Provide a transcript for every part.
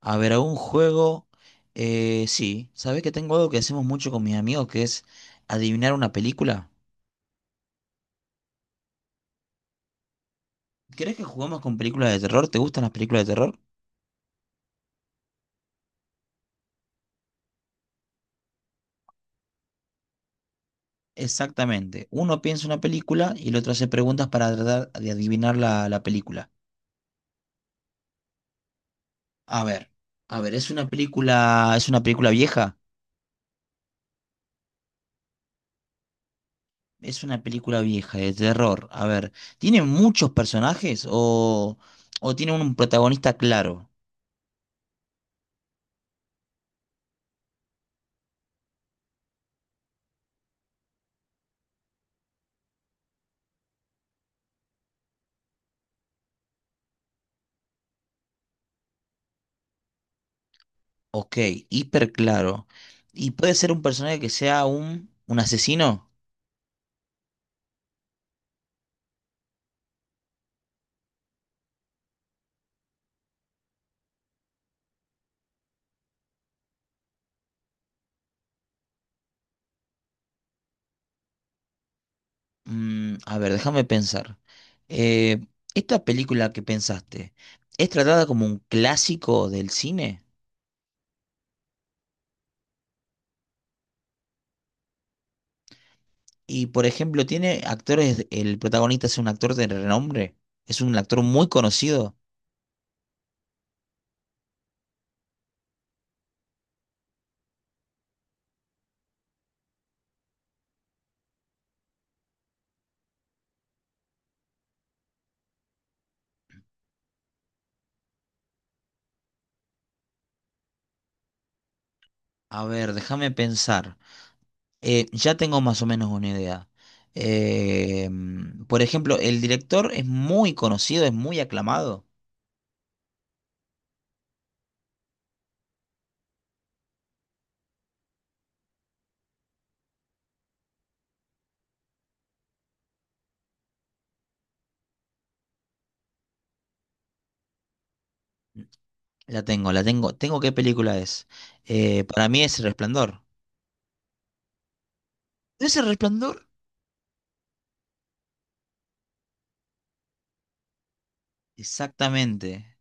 A ver, algún juego. Sí, ¿sabés que tengo algo que hacemos mucho con mis amigos que es adivinar una película? ¿Querés que juguemos con películas de terror? ¿Te gustan las películas de terror? Exactamente. Uno piensa una película y el otro hace preguntas para tratar de adivinar la película. A ver, a ver, ¿es es una película vieja? Es una película vieja de terror. A ver, ¿tiene muchos personajes o tiene un protagonista claro? Ok, hiper claro. ¿Y puede ser un personaje que sea un asesino? Mm, a ver, déjame pensar. Eh, ¿Esta película que pensaste es tratada como un clásico del cine? Y, por ejemplo, ¿tiene actores, el protagonista es un actor de renombre? ¿Es un actor muy conocido? A ver, déjame pensar. Ya tengo más o menos una idea. Por ejemplo, ¿el director es muy conocido, es muy aclamado? La tengo, la tengo. Tengo qué película es. Para mí es El Resplandor. ¿Es El Resplandor? Exactamente.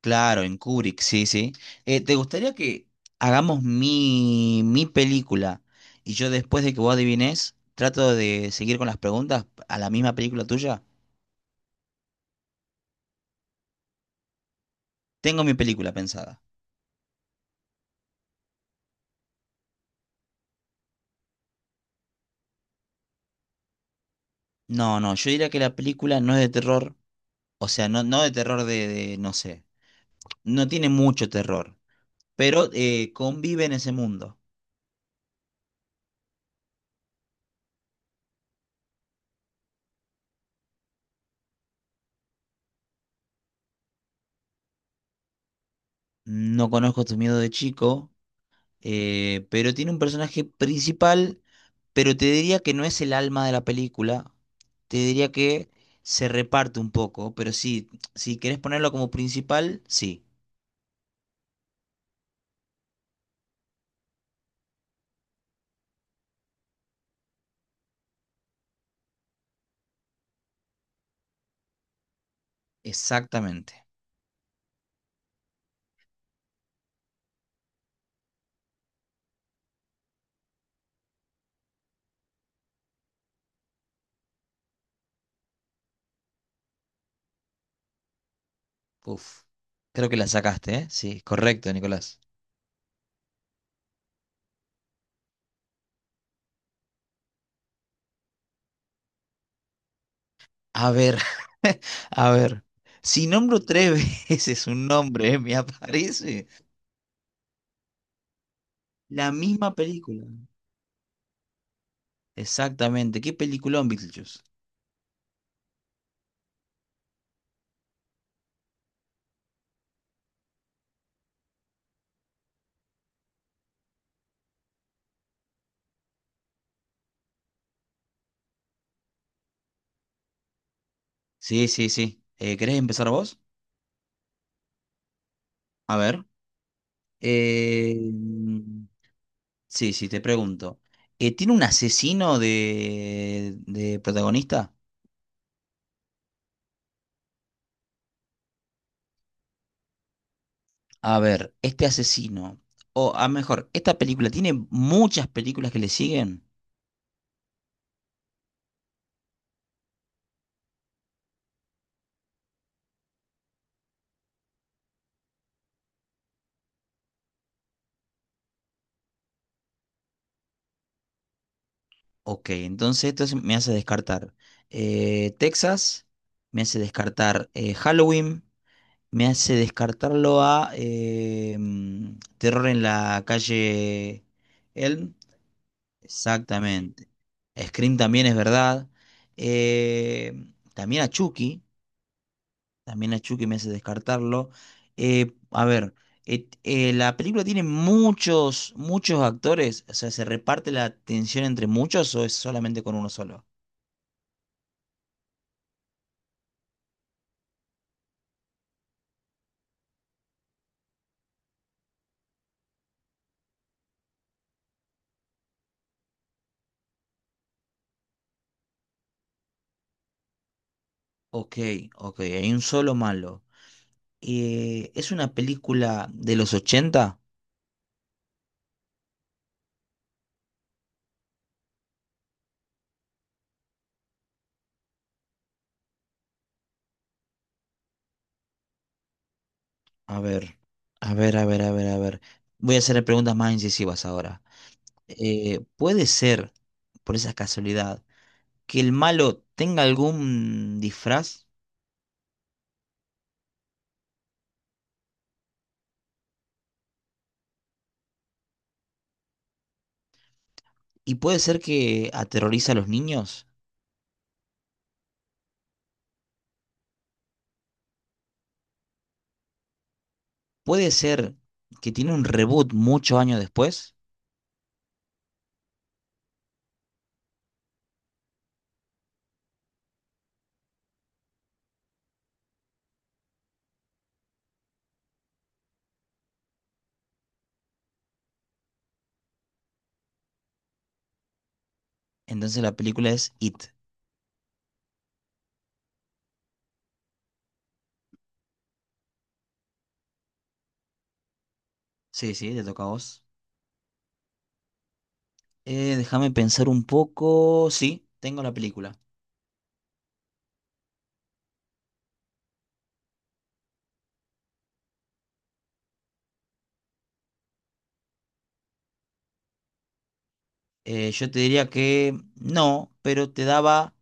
Claro, en Kubrick, sí, sí. ¿Te gustaría que hagamos mi película y yo después de que vos adivines, trato de seguir con las preguntas a la misma película tuya? Tengo mi película pensada. No, no, yo diría que la película no es de terror, o sea, no, no de terror no sé, no tiene mucho terror, pero convive en ese mundo. No conozco tus miedos de chico, pero tiene un personaje principal, pero te diría que no es el alma de la película. Te diría que se reparte un poco, pero sí, si querés ponerlo como principal, sí, exactamente. Uf, creo que la sacaste, ¿eh? Sí, correcto, Nicolás. A ver, a ver. Si nombro tres veces un nombre, ¿eh? Me aparece la misma película. Exactamente. ¿Qué peliculón, Beetlejuice? Sí, sí, sí. ¿Querés empezar vos? A ver. Eh, mm, sí, sí, te pregunto. ¿Tiene un asesino de protagonista? A ver, este asesino, o a mejor, esta película tiene muchas películas que le siguen. Ok, entonces me hace descartar Texas, me hace descartar Halloween, me hace descartarlo a Terror en la calle Elm. Exactamente. Scream también es verdad. Eh, también a Chucky. También a Chucky me hace descartarlo. A ver, la película tiene muchos, muchos actores. O sea, ¿se reparte la atención entre muchos o es solamente con uno solo? Ok, ok, hay un solo malo. ¿Es una película de los ochenta? A ver, a ver, a ver, a ver, a ver. Voy a hacer preguntas más incisivas ahora. ¿Puede ser, por esa casualidad, que el malo tenga algún disfraz y puede ser que aterroriza a los niños, puede ser que tiene un reboot muchos años después, entonces la película es It? Sí, sí, te toca a vos. Déjame pensar un poco. Sí, tengo la película. Yo te diría que no, pero te daba,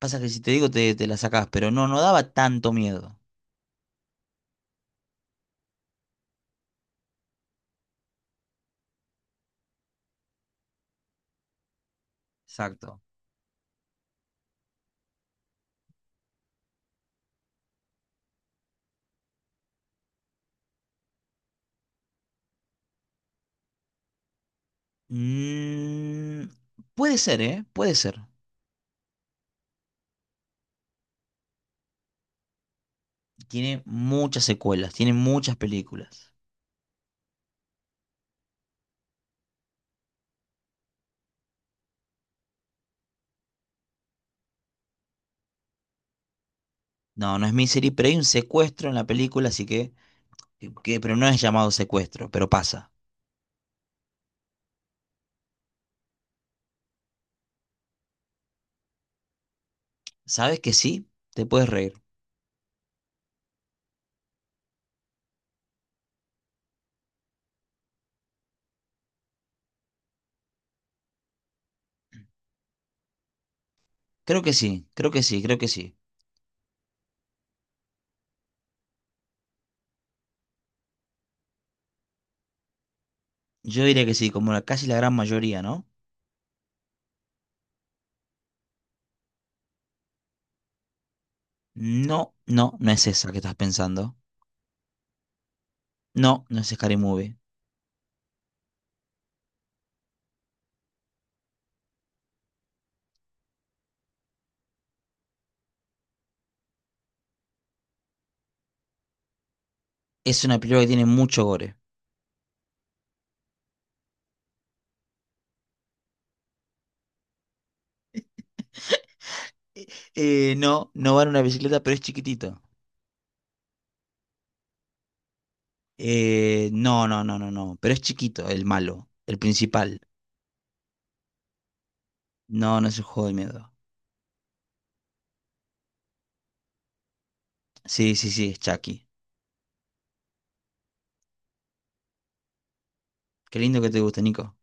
pasa que si te digo te la sacás, pero no, no daba tanto miedo. Exacto. Mm, puede ser, ¿eh? Puede ser. Tiene muchas secuelas, tiene muchas películas. No, no es Misery, pero hay un secuestro en la película, así que, pero no es llamado secuestro, pero pasa. ¿Sabes que sí? Te puedes reír. Creo que sí, creo que sí, creo que sí. Yo diría que sí, como la, casi la gran mayoría, ¿no? No, no, no es esa que estás pensando. No, no es Scary Movie. Es una película que tiene mucho gore. Eh, no, no va en una bicicleta, pero es chiquitito. No, no, no, no, no. Pero es chiquito, el malo, el principal. No, no es un juego de miedo. Sí, sí, sí, es Chucky. Qué lindo que te guste, Nico.